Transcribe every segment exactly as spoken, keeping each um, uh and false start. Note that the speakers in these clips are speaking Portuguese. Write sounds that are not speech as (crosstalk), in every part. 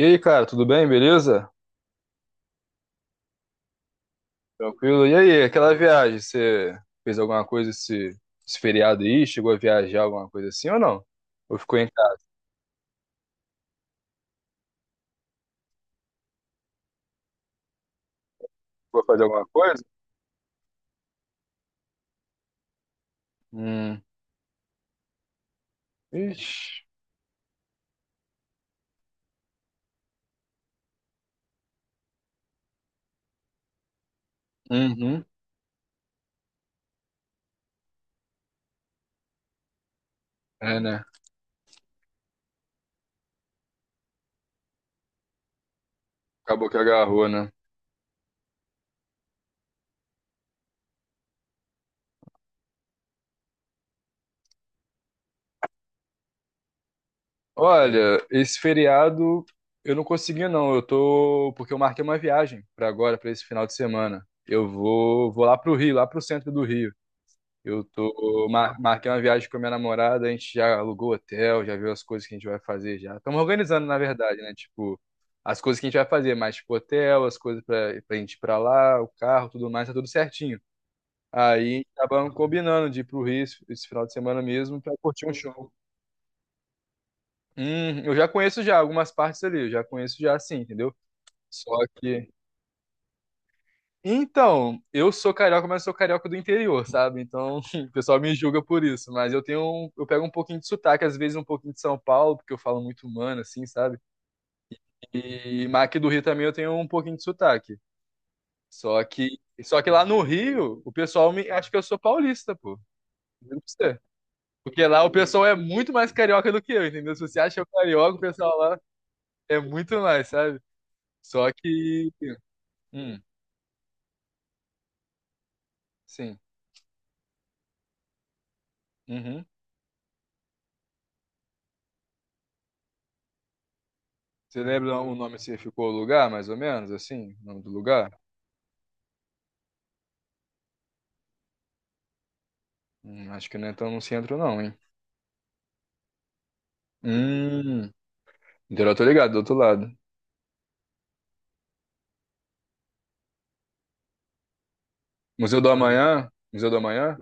E aí, cara, tudo bem? Beleza? Tranquilo? E aí, aquela viagem, você fez alguma coisa esse, esse feriado aí? Chegou a viajar alguma coisa assim ou não? Ou ficou em casa? Chegou fazer alguma coisa? Hum. Ixi. Uhum. É, né? Acabou que agarrou, né? Olha, esse feriado eu não consegui não. Eu tô porque eu marquei uma viagem pra agora, pra esse final de semana. Eu vou vou lá pro Rio, lá pro centro do Rio. Eu tô, mar- marquei uma viagem com a minha namorada, a gente já alugou hotel, já viu as coisas que a gente vai fazer já. Estamos organizando, na verdade, né? Tipo, as coisas que a gente vai fazer, mas tipo, hotel, as coisas pra, pra gente ir pra lá, o carro, tudo mais, tá tudo certinho. Aí acabamos combinando de ir pro Rio esse esse final de semana mesmo pra curtir um show. Hum, eu já conheço já algumas partes ali, eu já conheço já sim, entendeu? Só que Então, eu sou carioca, mas sou carioca do interior, sabe? Então, (laughs) o pessoal me julga por isso, mas eu tenho, um- eu pego um pouquinho de sotaque, às vezes um pouquinho de São Paulo, porque eu falo muito humano assim, sabe? E mas aqui do Rio também eu tenho um pouquinho de sotaque. Só que, só que lá no Rio, o pessoal me acha que eu sou paulista, pô. Juro pra você. Porque lá o pessoal é muito mais carioca do que eu, entendeu? Se você acha eu carioca, o pessoal lá é muito mais, sabe? Só que, hum, sim. Uhum. Você lembra o nome se ficou o lugar, mais ou menos, assim? O nome do lugar? Hum, acho que não é tão no centro, não, hein? Hum, então eu tô ligado, do outro lado. Museu do Amanhã? Museu do Amanhã?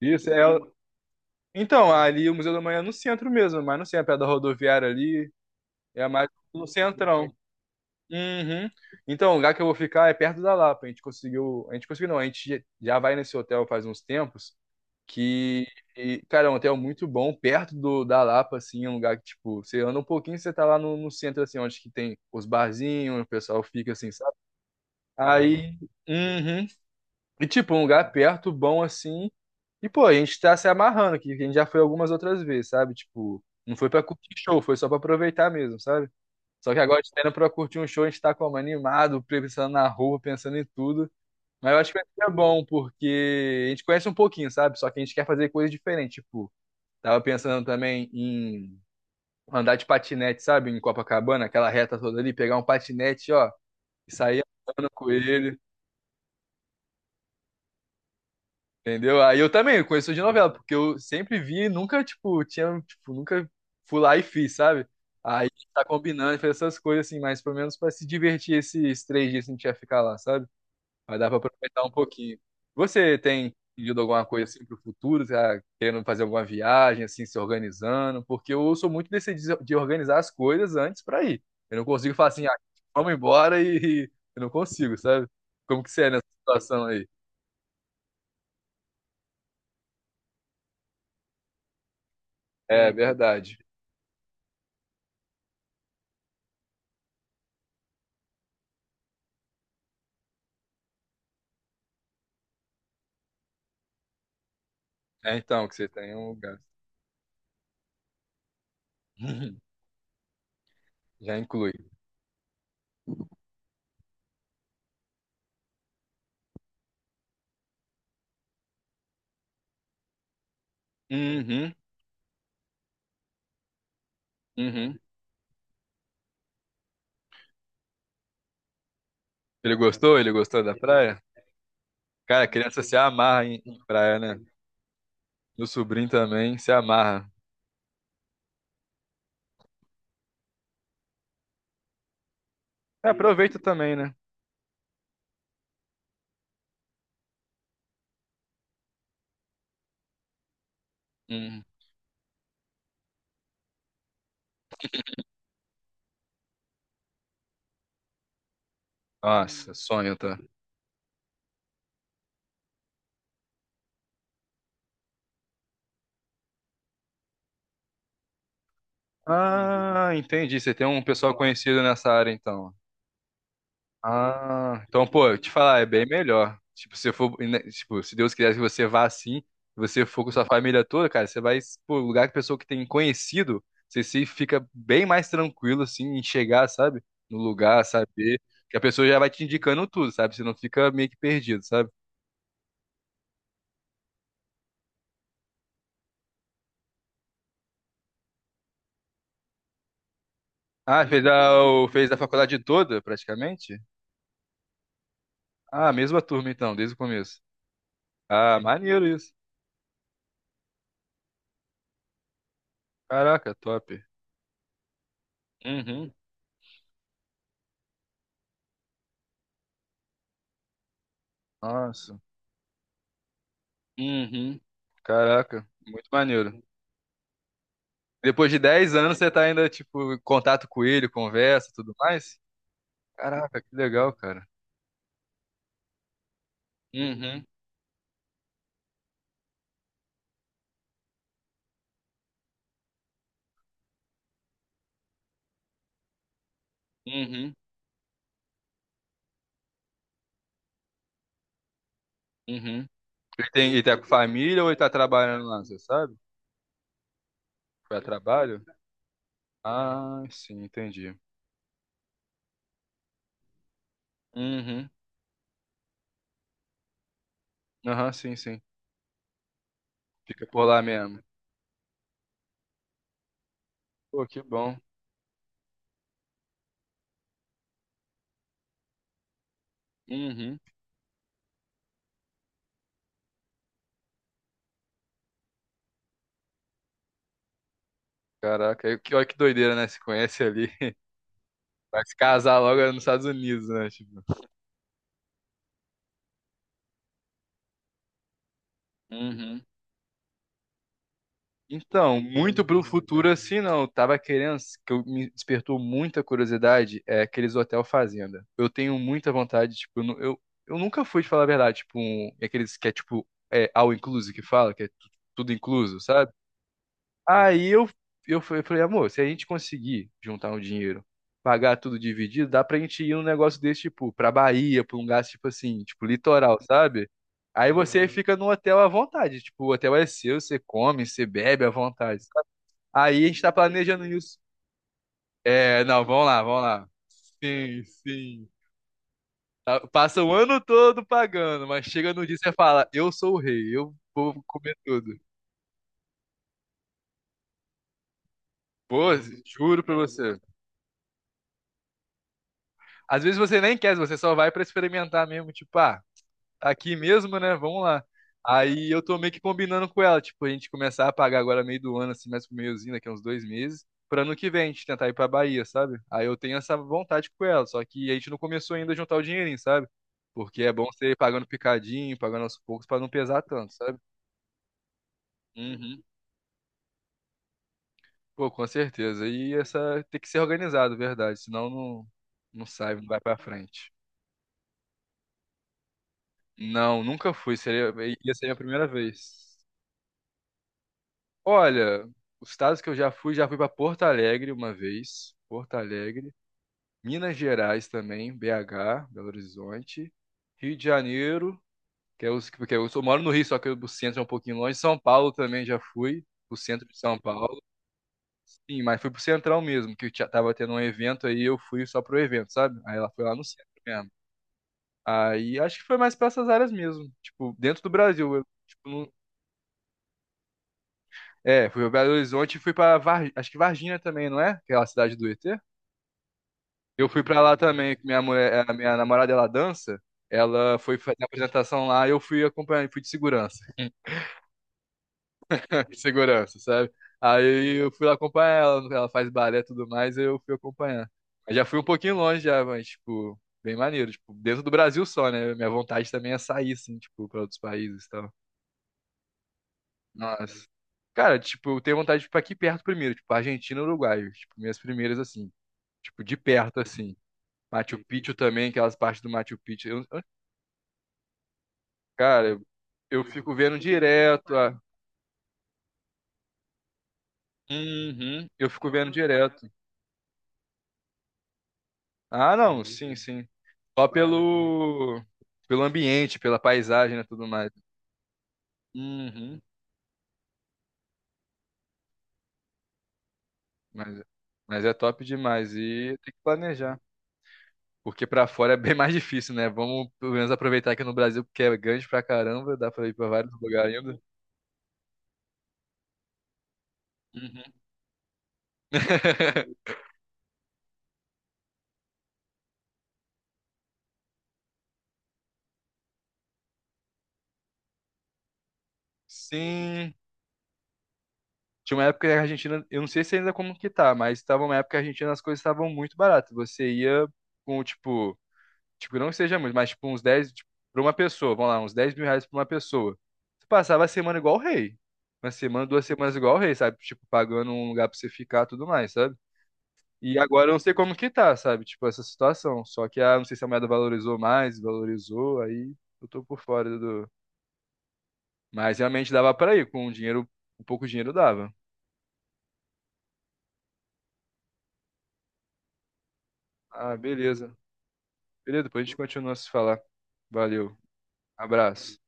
Isso, é. o- Então, ali o Museu do Amanhã é no centro mesmo, mas não sei, é perto da rodoviária ali, é mais no centrão. Uhum. Então, o lugar que eu vou ficar é perto da Lapa. A gente conseguiu. A gente conseguiu, não. A gente já já vai nesse hotel faz uns tempos. Que, e, cara, é um hotel muito bom, perto do, da Lapa, assim, é um lugar que, tipo, você anda um pouquinho, você tá lá no, no centro, assim, onde que tem os barzinhos, o pessoal fica assim, sabe? Aí, uhum. E, tipo, um lugar perto, bom, assim, e, pô, a gente tá se amarrando aqui, que a gente já foi algumas outras vezes, sabe? Tipo, não foi pra curtir show, foi só pra aproveitar mesmo, sabe? Só que agora a gente tá indo pra curtir um show, a gente tá como animado, pensando na roupa, pensando em tudo. Mas eu acho que vai ser bom, porque a gente conhece um pouquinho, sabe? Só que a gente quer fazer coisas diferentes, tipo, tava pensando também em andar de patinete, sabe? Em Copacabana, aquela reta toda ali, pegar um patinete, ó, e sair andando com ele, entendeu? Aí eu também conheço de novela, porque eu sempre vi e nunca, tipo, tinha, tipo, nunca fui lá e fiz, sabe? Aí tá combinando, fez essas coisas assim, mas pelo menos pra se divertir esses três dias que a gente ia ficar lá, sabe? Vai dar pra aproveitar um pouquinho. Você tem pedido alguma coisa assim pro futuro? Tá querendo fazer alguma viagem, assim, se organizando? Porque eu sou muito desse de de organizar as coisas antes pra ir. Eu não consigo falar assim, ah, vamos embora e (laughs) e eu não consigo, sabe? Como que você é nessa situação aí? É verdade. É então que você tem um lugar. (laughs) Uhum. Já inclui. Uhum, uhum. Ele gostou? Ele gostou da praia? Cara, criança se amarra em em praia, né? Meu sobrinho também se amarra. É, aproveita também, né? Uhum. Nossa, sonho, tá? Ah, entendi. Você tem um pessoal conhecido nessa área, então. Ah, então, pô, eu te falar, é bem melhor. Tipo, se for, né, tipo, se Deus quiser que você vá assim, se você for com sua família toda, cara, você vai pro lugar que pessoa que tem conhecido, você se fica bem mais tranquilo, assim, em chegar, sabe? No lugar, saber que a pessoa já vai te indicando tudo, sabe? Você não fica meio que perdido, sabe? Ah, fez a, o- fez a faculdade toda, praticamente? Ah, mesma turma, então, desde o começo. Ah, maneiro isso. Caraca, top. Uhum, nossa, uhum, caraca, muito maneiro. Depois de dez anos você tá ainda, tipo, em contato com ele, conversa, tudo mais? Caraca, que legal, cara. Uhum, uhum, uhum. Ele tem, ele tá com família ou ele tá trabalhando lá, você sabe? Foi a trabalho? Ah, sim, entendi. Uhum, aham, sim, sim. Fica por lá mesmo. Pô, que bom. Uhum. Caraca, aí que, olha que doideira, né? Se conhece ali. (laughs) Vai se casar logo nos Estados Unidos, né? Tipo. Uhum. Então, muito pro futuro assim não. Eu tava querendo, que eu, me despertou muita curiosidade, é aqueles hotel fazenda. Eu tenho muita vontade, tipo, eu, nu- eu, eu nunca fui, de falar a verdade, tipo, um, aqueles que é tipo, é, all inclusive que fala, que é tu- tudo incluso, sabe? Aí eu, eu fa- eu falei, amor, se a gente conseguir juntar um dinheiro, pagar tudo dividido, dá pra gente ir num negócio desse, tipo, pra Bahia, pra um lugar, tipo assim, tipo, litoral, sabe? Aí você uhum, fica num hotel à vontade, tipo, o hotel é seu, você come, você bebe à vontade, sabe? Aí a gente tá planejando isso. É, não, vamos lá, vamos lá. Sim, sim. Tá- Passa o ano todo pagando, mas chega no dia e você fala, eu sou o rei, eu vou comer tudo. Pô, juro pra você. Às vezes você nem quer, você só vai pra experimentar mesmo, tipo, ah, tá aqui mesmo, né? Vamos lá. Aí eu tô meio que combinando com ela, tipo, a gente começar a pagar agora meio do ano, assim, mais pro meiozinho, daqui a uns dois meses, pra ano que vem a gente tentar ir pra Bahia, sabe? Aí eu tenho essa vontade com ela, só que a gente não começou ainda a juntar o dinheirinho, sabe? Porque é bom você ir pagando picadinho, pagando aos poucos pra não pesar tanto, sabe? Uhum. Pô, com certeza. E essa tem que ser organizado, verdade, senão não, não sai, não vai pra frente. Não, nunca fui. Seria, ia ser a primeira vez. Olha, os estados que eu já fui, já fui para Porto Alegre uma vez. Porto Alegre. Minas Gerais também, B H, Belo Horizonte. Rio de Janeiro, que é os, porque eu sou, moro no Rio, só que o centro é um pouquinho longe. São Paulo também já fui. O centro de São Paulo. Sim, mas fui pro Central mesmo, que tinha- tava tendo um evento aí, eu fui só pro evento, sabe? Aí ela foi lá no centro mesmo. Aí acho que foi mais pra essas áreas mesmo. Tipo, dentro do Brasil. Eu, tipo, não- é, fui pra Belo Horizonte e fui pra Var... acho que Varginha também, não é? Aquela cidade do E T. Eu fui pra lá também, que minha mulher, a minha namorada, ela dança. Ela foi fazer a apresentação lá e eu fui acompanhar, fui de segurança. (laughs) De segurança, sabe? Aí eu fui lá acompanhar ela, ela faz balé e tudo mais, aí eu fui acompanhar. Mas já fui um pouquinho longe já, mas, tipo, bem maneiro. Tipo, dentro do Brasil só, né? Minha vontade também é sair, assim, tipo, pra outros países e tal. Nossa. Cara, tipo, eu tenho vontade de ir pra aqui perto primeiro, tipo, Argentina e Uruguai. Tipo, minhas primeiras, assim. Tipo, de perto, assim. Machu Picchu também, aquelas partes do Machu Picchu. Eu- eu- cara, eu, eu fico vendo direto. Ah, uhum, eu fico vendo direto. Ah, não, sim, sim. Só pelo, pelo ambiente, pela paisagem e tudo mais. Uhum. Mas, mas é top demais. E tem que planejar. Porque pra fora é bem mais difícil, né? Vamos pelo menos aproveitar aqui no Brasil, porque é grande pra caramba, dá pra ir pra vários lugares ainda. Uhum. (laughs) Sim. Tinha uma época que a Argentina, eu não sei se ainda como que tá, mas tava uma época que a Argentina as coisas estavam muito baratas. Você ia com, tipo, tipo, não que seja muito, mas tipo uns dez, tipo, pra uma pessoa, vamos lá, uns dez mil reais pra uma pessoa. Você passava a semana igual o rei. Uma semana, duas semanas igual o rei, sabe? Tipo, pagando um lugar pra você ficar e tudo mais, sabe? E agora eu não sei como que tá, sabe? Tipo, essa situação. Só que, ah, não sei se a moeda valorizou mais, valorizou, aí eu tô por fora do... Mas realmente dava pra ir, com o dinheiro, um pouco de dinheiro dava. Ah, beleza. Beleza, depois a gente continua a se falar. Valeu, abraço.